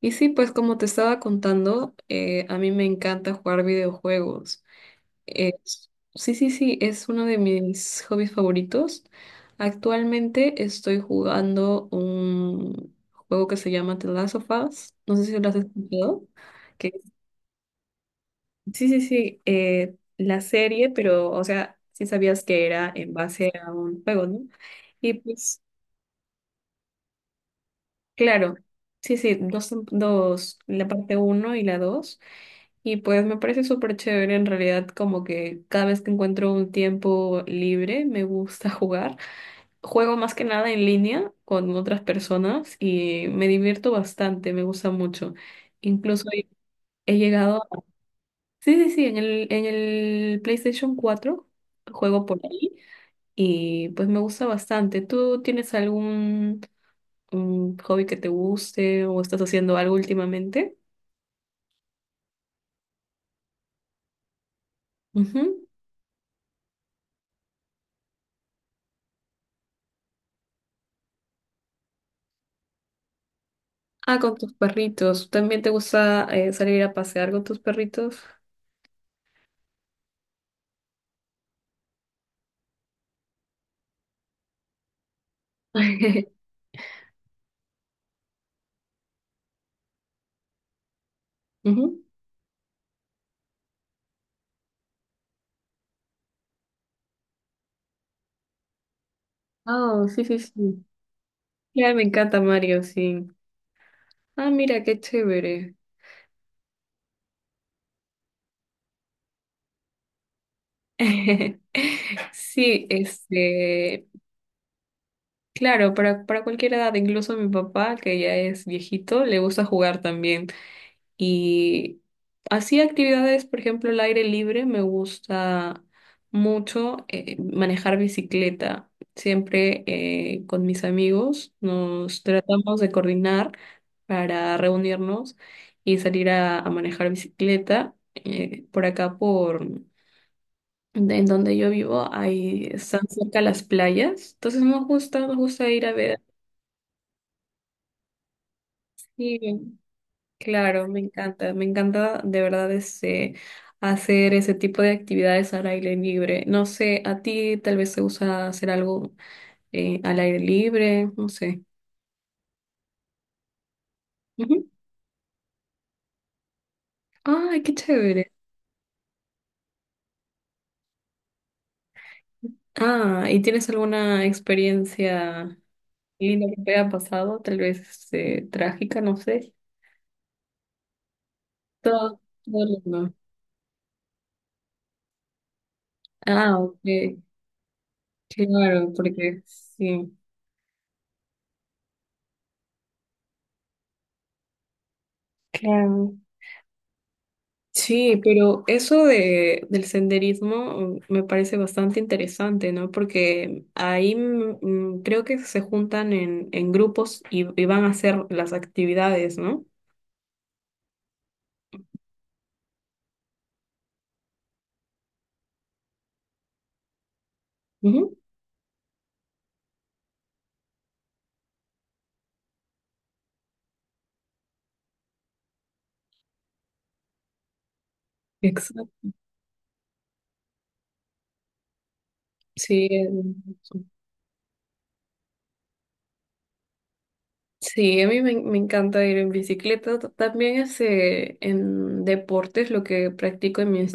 Y sí, pues como te estaba contando, a mí me encanta jugar videojuegos. Sí, sí, sí, es uno de mis hobbies favoritos. Actualmente estoy jugando un juego que se llama The Last of Us. No sé si lo has escuchado. Que, sí, sí, sí, la serie, pero, o sea, sí sabías que era en base a un juego, ¿no? Y pues, claro, sí, sí, dos, dos, la parte uno y la dos. Y pues me parece súper chévere en realidad, como que cada vez que encuentro un tiempo libre me gusta jugar. Juego más que nada en línea con otras personas y me divierto bastante, me gusta mucho. Incluso he llegado, sí, sí, sí, en el PlayStation 4 juego por ahí, y pues me gusta bastante. ¿Tú tienes algún hobby que te guste o estás haciendo algo últimamente? Ujú. Ah, con tus perritos. ¿También te gusta salir a pasear con tus perritos? Ujú. Oh, sí, sí, sí. Ya, me encanta Mario, sí. Ah, mira, qué chévere. Sí, este, claro, para cualquier edad, incluso mi papá, que ya es viejito, le gusta jugar también. Y así actividades, por ejemplo, el aire libre, me gusta mucho manejar bicicleta. Siempre con mis amigos nos tratamos de coordinar para reunirnos y salir a manejar bicicleta. Por acá, por en donde yo vivo, ahí están cerca las playas. Entonces nos gusta ir a ver. Claro, me encanta de verdad ese, hacer ese tipo de actividades al aire libre. No sé, a ti tal vez te gusta hacer algo al aire libre, no sé. Ujú. Ay, qué chévere. Ah, ¿y tienes alguna experiencia linda que te haya pasado, tal vez este, trágica, no sé? Todo, todo lindo. Ah, ok, claro, porque sí. Claro. Sí, pero eso de, del senderismo me parece bastante interesante, ¿no? Porque ahí creo que se juntan en grupos y van a hacer las actividades, ¿no? Ujú. Exacto. Sí, sí, a mí me, me encanta ir en bicicleta. También es, en deportes, lo que practico en mis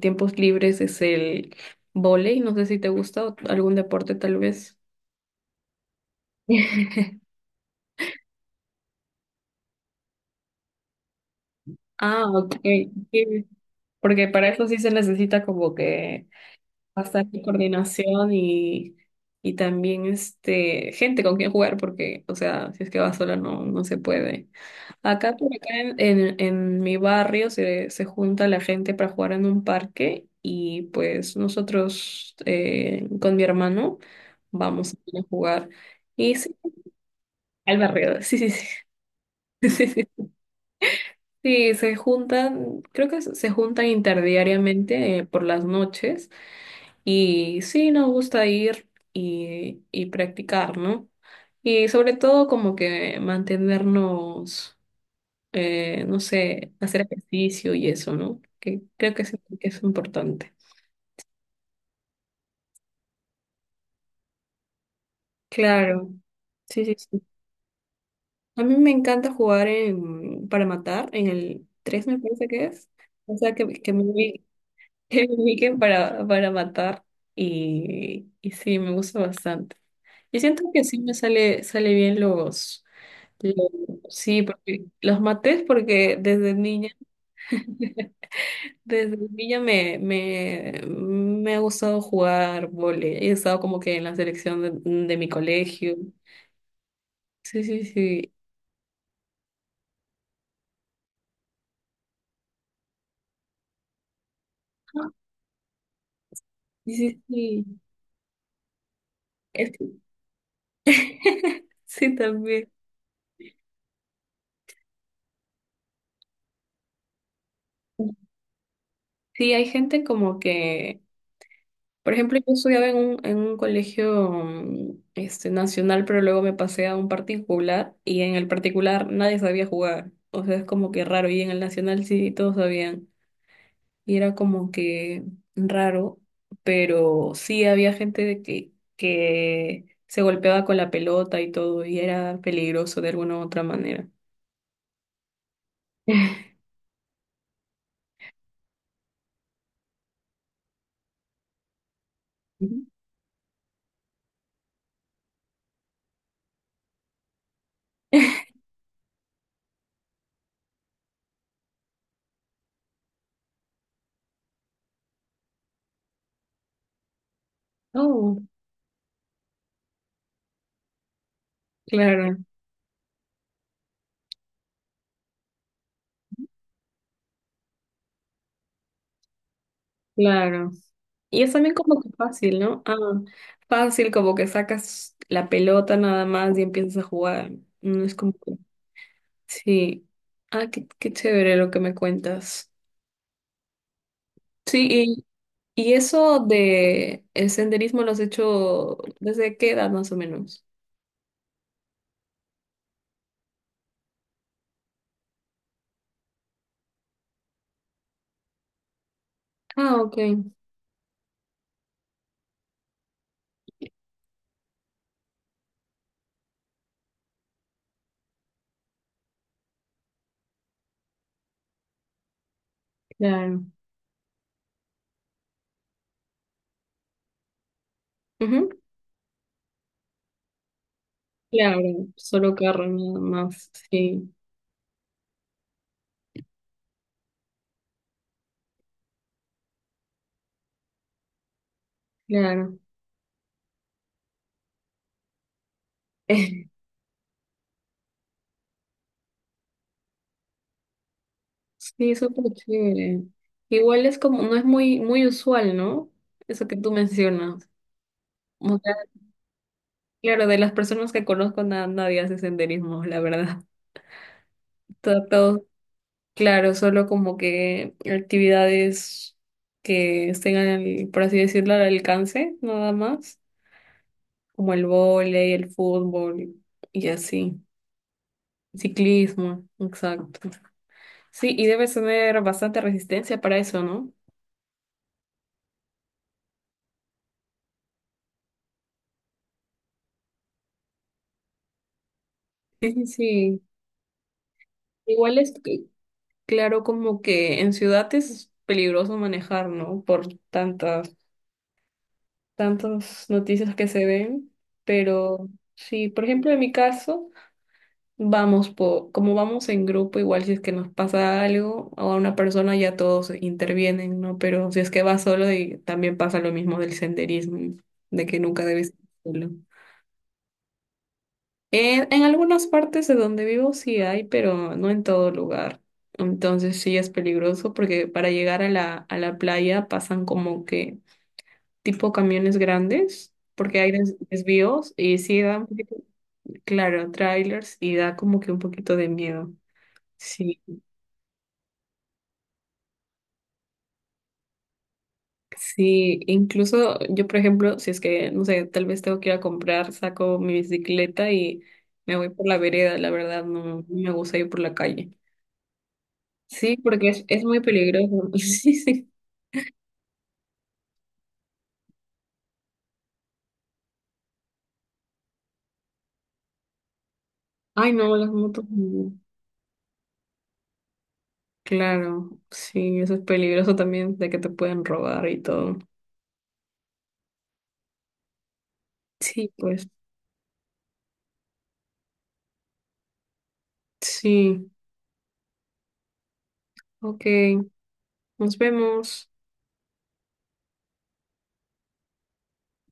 tiempos libres es el vóley. No sé si te gusta o algún deporte tal vez. Ah, ok. Sí. Porque para eso sí se necesita como que bastante coordinación y también este gente con quien jugar, porque, o sea, si es que vas sola no, no se puede. Acá por acá en, en mi barrio se, se junta la gente para jugar en un parque y pues nosotros con mi hermano vamos a jugar. Y sí, al barrio, sí, sí, sí. Sí, se juntan, creo que se juntan interdiariamente por las noches y sí, nos gusta ir y practicar, ¿no? Y sobre todo como que mantenernos, no sé, hacer ejercicio y eso, ¿no? Que creo que es importante. Claro, sí, sí, sí. A mí me encanta jugar en, para matar en el 3 me parece que es. O sea, que me, Miken para matar y sí, me gusta bastante. Y siento que sí me sale, sale bien los- sí, porque los maté porque desde niña me, me, me ha gustado jugar vóley. He estado como que en la selección de mi colegio. Sí, sí, sí. Ah, sí, sí, sí. Es- Sí, también. Sí, hay gente como que. Por ejemplo, yo estudiaba en un colegio este, nacional, pero luego me pasé a un particular y en el particular nadie sabía jugar. O sea, es como que raro. Y en el nacional sí todos sabían. Y era como que raro, pero sí había gente de que se golpeaba con la pelota y todo, y era peligroso de alguna u otra manera. Ujú. Oh, claro, claro. Y es también como que fácil, ¿no? Ah, fácil, como que sacas la pelota nada más y empiezas a jugar. No es como que... Sí. Ah, qué, qué chévere lo que me cuentas. Sí, y eso de el senderismo lo has hecho desde qué edad más o menos. Ah, ok, claro. Ujú. Claro, solo carro nada más, sí, claro. Sí, súper chévere. Igual es como, no es muy, muy usual, ¿no? Eso que tú mencionas. Muchas, claro, de las personas que conozco, nadie hace senderismo, la verdad. Todo, todo, claro, solo como que actividades que estén, por así decirlo, al alcance, nada más, como el vóley, el fútbol y así. Ciclismo, exacto. Sí, y debes tener bastante resistencia para eso, ¿no? Sí, sí, sí. Igual es que, claro, como que en ciudad es peligroso manejar, ¿no? Por tantas noticias que se ven, pero sí, por ejemplo, en mi caso, vamos como vamos en grupo, igual si es que nos pasa algo o a una persona ya todos intervienen, ¿no? Pero si es que vas solo y también pasa lo mismo del senderismo, de que nunca debes ir solo. En algunas partes de donde vivo sí hay, pero no en todo lugar. Entonces sí es peligroso porque para llegar a la playa pasan como que tipo camiones grandes, porque hay desvíos y sí da un poquito, claro, trailers y da como que un poquito de miedo. Sí, sí, incluso yo, por ejemplo, si es que, no sé, tal vez tengo que ir a comprar, saco mi bicicleta y me voy por la vereda, la verdad, no, no me gusta ir por la calle. Sí, porque es muy peligroso. Sí, sí. Ay, no, las motos. No. Claro, sí, eso es peligroso también de que te pueden robar y todo. Sí, pues, sí, ok. Nos vemos.